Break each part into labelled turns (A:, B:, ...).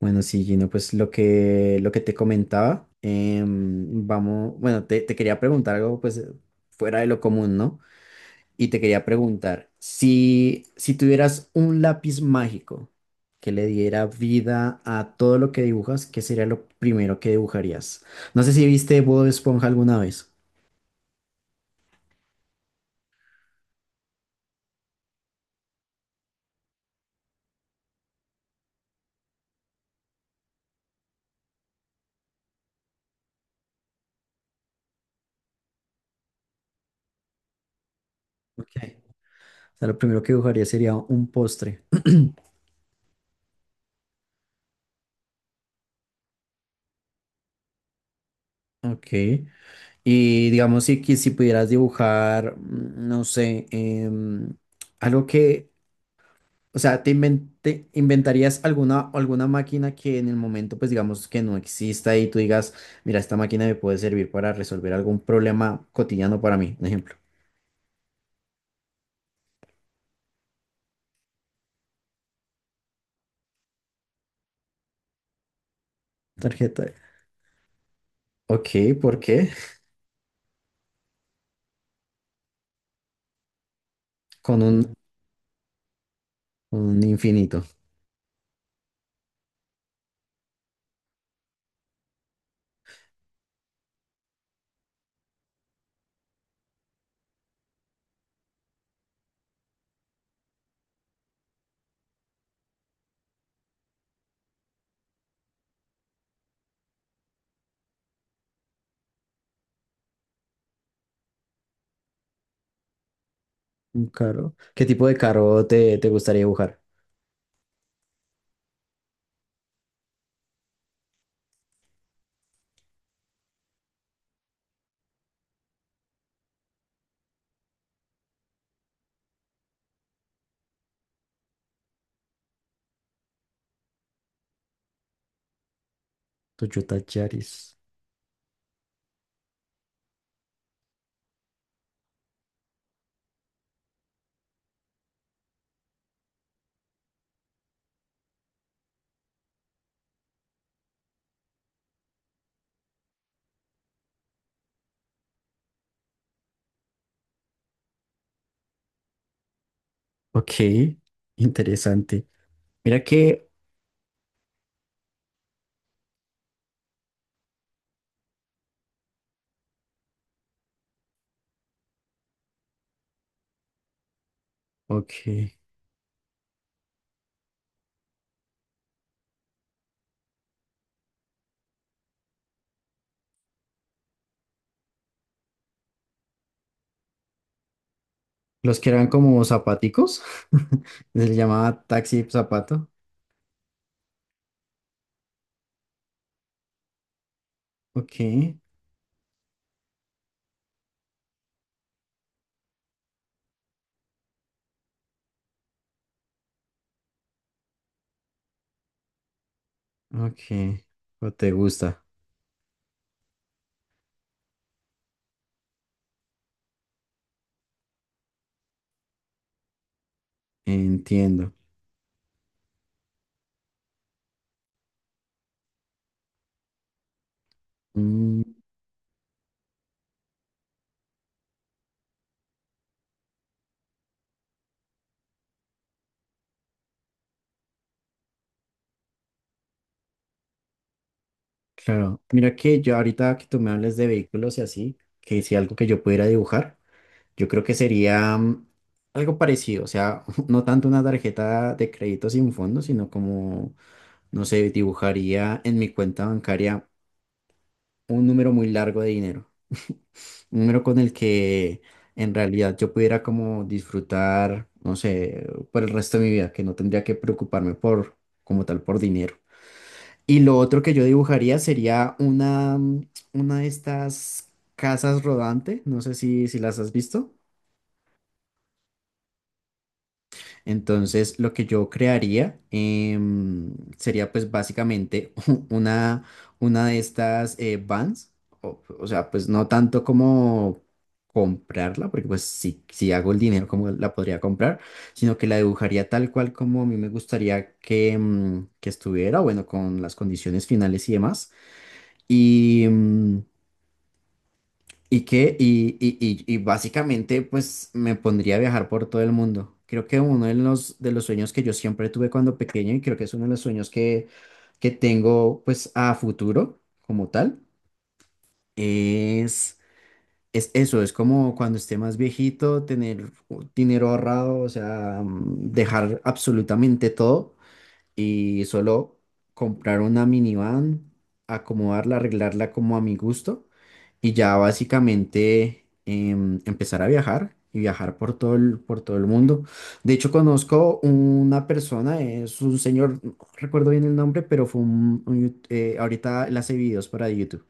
A: Bueno, sí, Gino, pues lo que te comentaba, vamos, bueno, te quería preguntar algo pues fuera de lo común, ¿no? Y te quería preguntar, si tuvieras un lápiz mágico que le diera vida a todo lo que dibujas, ¿qué sería lo primero que dibujarías? No sé si viste Bob Esponja alguna vez. Ok. O sea, lo primero que dibujaría sería un postre. Ok. Y digamos, si pudieras dibujar, no sé, algo que... O sea, te inventarías alguna máquina que en el momento, pues digamos que no exista y tú digas, mira, esta máquina me puede servir para resolver algún problema cotidiano para mí, un ejemplo. Tarjeta, de-. Ok, ¿por qué? Con un infinito. Un carro. ¿Qué tipo de carro te gustaría dibujar? Toyota Yaris. Ok, interesante. Mira que, ok, los que eran como zapaticos, se les llamaba taxi zapato. Ok. Ok, o te gusta, entiendo. Mm, claro, mira que yo ahorita que tú me hables de vehículos y así, que si algo que yo pudiera dibujar, yo creo que sería algo parecido, o sea, no tanto una tarjeta de crédito sin fondo, sino como, no sé, dibujaría en mi cuenta bancaria un número muy largo de dinero. Un número con el que en realidad yo pudiera como disfrutar, no sé, por el resto de mi vida, que no tendría que preocuparme por, como tal, por dinero. Y lo otro que yo dibujaría sería una, una de estas casas rodante, no sé si, si las has visto. Entonces, lo que yo crearía sería pues básicamente una, una de estas vans, o sea, pues no tanto como comprarla, porque pues si, si hago el dinero, como la podría comprar? Sino que la dibujaría tal cual como a mí me gustaría que, que estuviera, bueno, con las condiciones finales y demás. Y, y que, y básicamente, pues me pondría a viajar por todo el mundo. Creo que uno de de los sueños que yo siempre tuve cuando pequeño, y creo que es uno de los sueños que tengo, pues a futuro, como tal, es, es eso, es como cuando esté más viejito, tener dinero ahorrado, o sea, dejar absolutamente todo y solo comprar una minivan, acomodarla, arreglarla como a mi gusto y ya básicamente empezar a viajar y viajar por por todo el mundo. De hecho, conozco una persona, es un señor, no recuerdo bien el nombre, pero fue un, ahorita él hace videos para YouTube.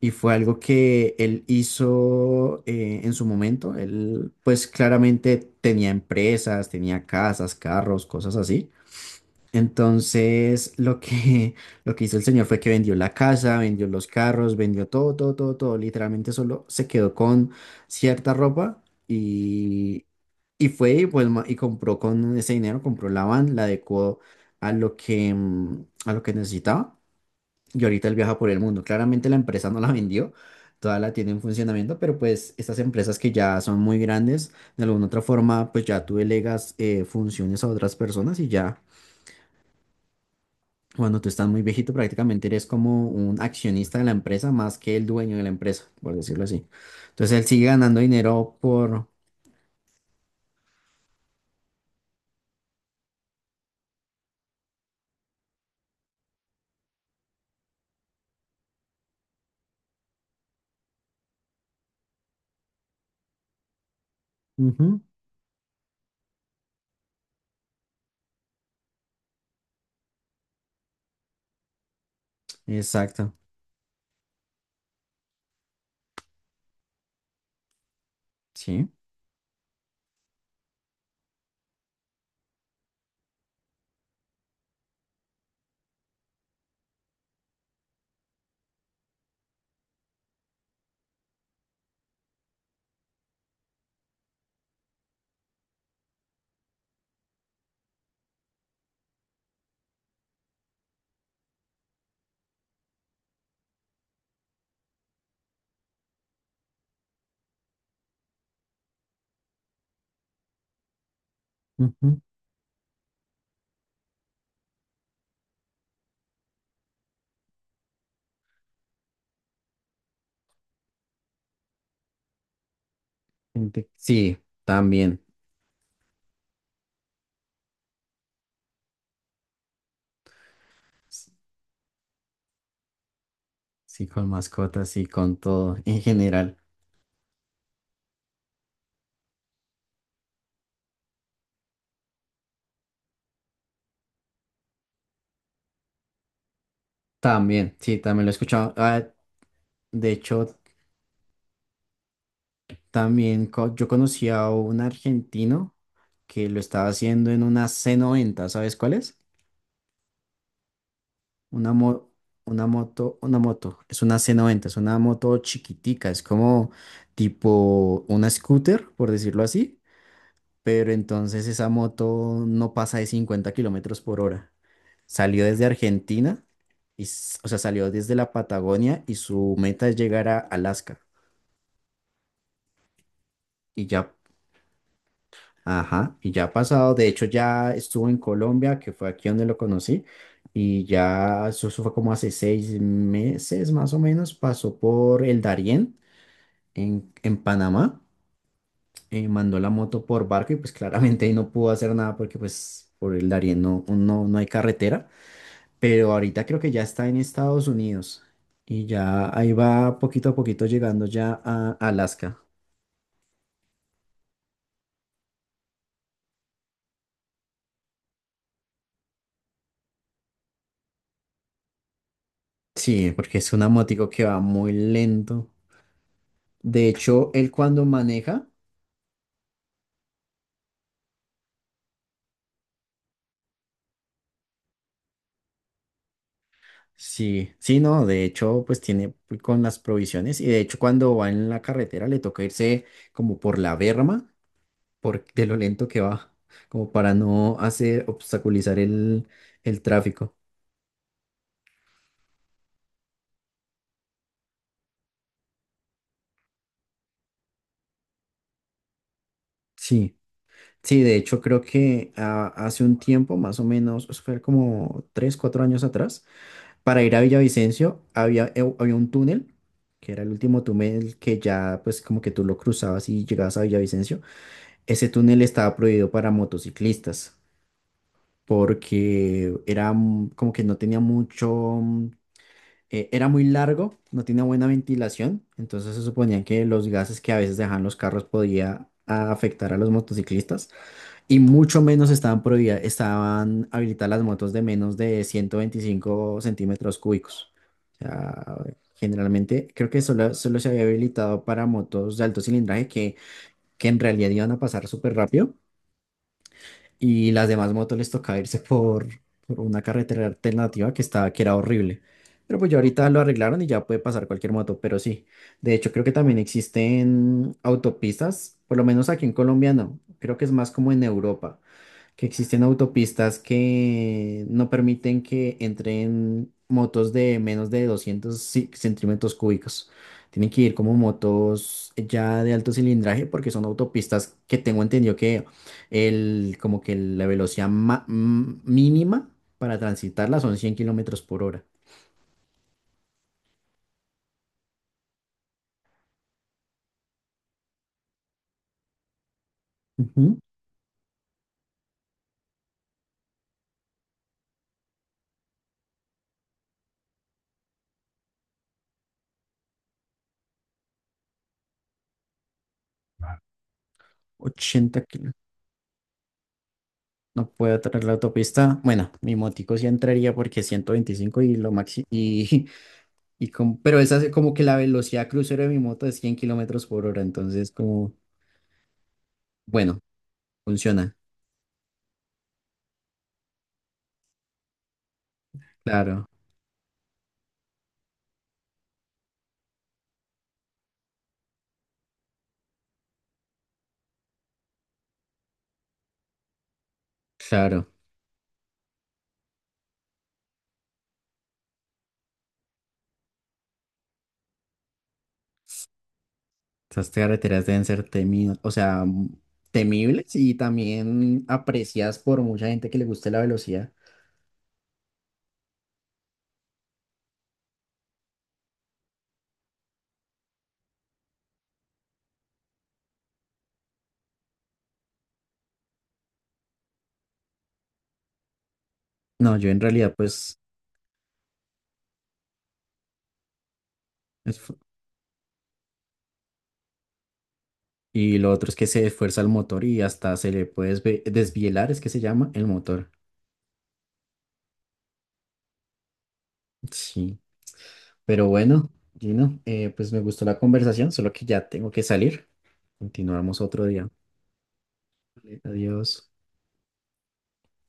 A: Y fue algo que él hizo en su momento. Él, pues claramente tenía empresas, tenía casas, carros, cosas así. Entonces, lo que, lo que hizo el señor fue que vendió la casa, vendió los carros, vendió todo, todo, todo, todo. Literalmente solo se quedó con cierta ropa y fue y, pues, y compró con ese dinero, compró la van, la adecuó a lo que, a lo que necesitaba. Y ahorita él viaja por el mundo. Claramente la empresa no la vendió, toda la tiene en funcionamiento, pero pues estas empresas que ya son muy grandes, de alguna otra forma, pues ya tú delegas funciones a otras personas y ya. Cuando tú estás muy viejito, prácticamente eres como un accionista de la empresa más que el dueño de la empresa, por decirlo así. Entonces él sigue ganando dinero por... Ujú. Exacto, sí. Ujú. Gente-. Sí, también. S-. Sí, con mascotas sí, con todo en general. También, sí, también lo he escuchado. Ah, de hecho, también yo conocí a un argentino que lo estaba haciendo en una c noventa, ¿sabes cuál es? Una, una moto, es una c noventa, es una moto chiquitica, es como tipo una scooter, por decirlo así, pero entonces esa moto no pasa de 50 kilómetros por hora. Salió desde Argentina, y, o sea, salió desde la Patagonia y su meta es llegar a Alaska. Y ya... Ajá, y ya ha pasado, de hecho ya estuvo en Colombia, que fue aquí donde lo conocí, y ya eso fue como hace 6 meses más o menos, pasó por el Darién en Panamá, mandó la moto por barco y pues claramente ahí no pudo hacer nada porque pues por el Darién no hay carretera, pero ahorita creo que ya está en Estados Unidos y ya ahí va poquito a poquito llegando ya a Alaska. Sí, porque es un motico que va muy lento. De hecho, él cuando maneja, sí, sí, no, de hecho, pues tiene con las provisiones y de hecho cuando va en la carretera le toca irse como por la berma, por de lo lento que va, como para no hacer obstaculizar el tráfico. Sí, sí, de hecho creo que hace un tiempo, más o menos, eso fue como tres, cuatro años atrás, para ir a Villavicencio había, había un túnel, que era el último túnel que ya pues como que tú lo cruzabas y llegabas a Villavicencio. Ese túnel estaba prohibido para motociclistas porque era como que no tenía mucho, era muy largo, no tenía buena ventilación, entonces se suponía que los gases que a veces dejaban los carros podía afectar a los motociclistas y mucho menos estaban prohibidas, estaban habilitadas las motos de menos de 125 centímetros cúbicos. O sea, generalmente creo que solo se había habilitado para motos de alto cilindraje que en realidad iban a pasar súper rápido y las demás motos les tocaba irse por una carretera alternativa que estaba, que era horrible. Pero pues ya ahorita lo arreglaron y ya puede pasar cualquier moto, pero sí. De hecho, creo que también existen autopistas, por lo menos aquí en Colombia no, creo que es más como en Europa, que existen autopistas que no permiten que entren motos de menos de 200 centímetros cúbicos. Tienen que ir como motos ya de alto cilindraje porque son autopistas que tengo entendido que el, como que la velocidad mínima para transitarla son 100 kilómetros por hora. Ujú. 80 kilos. No puedo traer la autopista. Bueno, mi motico sí entraría porque 125 y lo máximo. Y... Y como, pero esa es como que la velocidad crucero de mi moto es 100 kilómetros por hora, entonces como, bueno, funciona. Claro, claro. Esas carreteras deben ser temidas, o sea, temibles y también apreciadas por mucha gente que le guste la velocidad. No, yo en realidad pues, es... Y lo otro es que se esfuerza el motor y hasta se le puede desvielar, es que se llama el motor. Sí, pero bueno, Gino, pues me gustó la conversación, solo que ya tengo que salir. Continuamos otro día. Vale, adiós.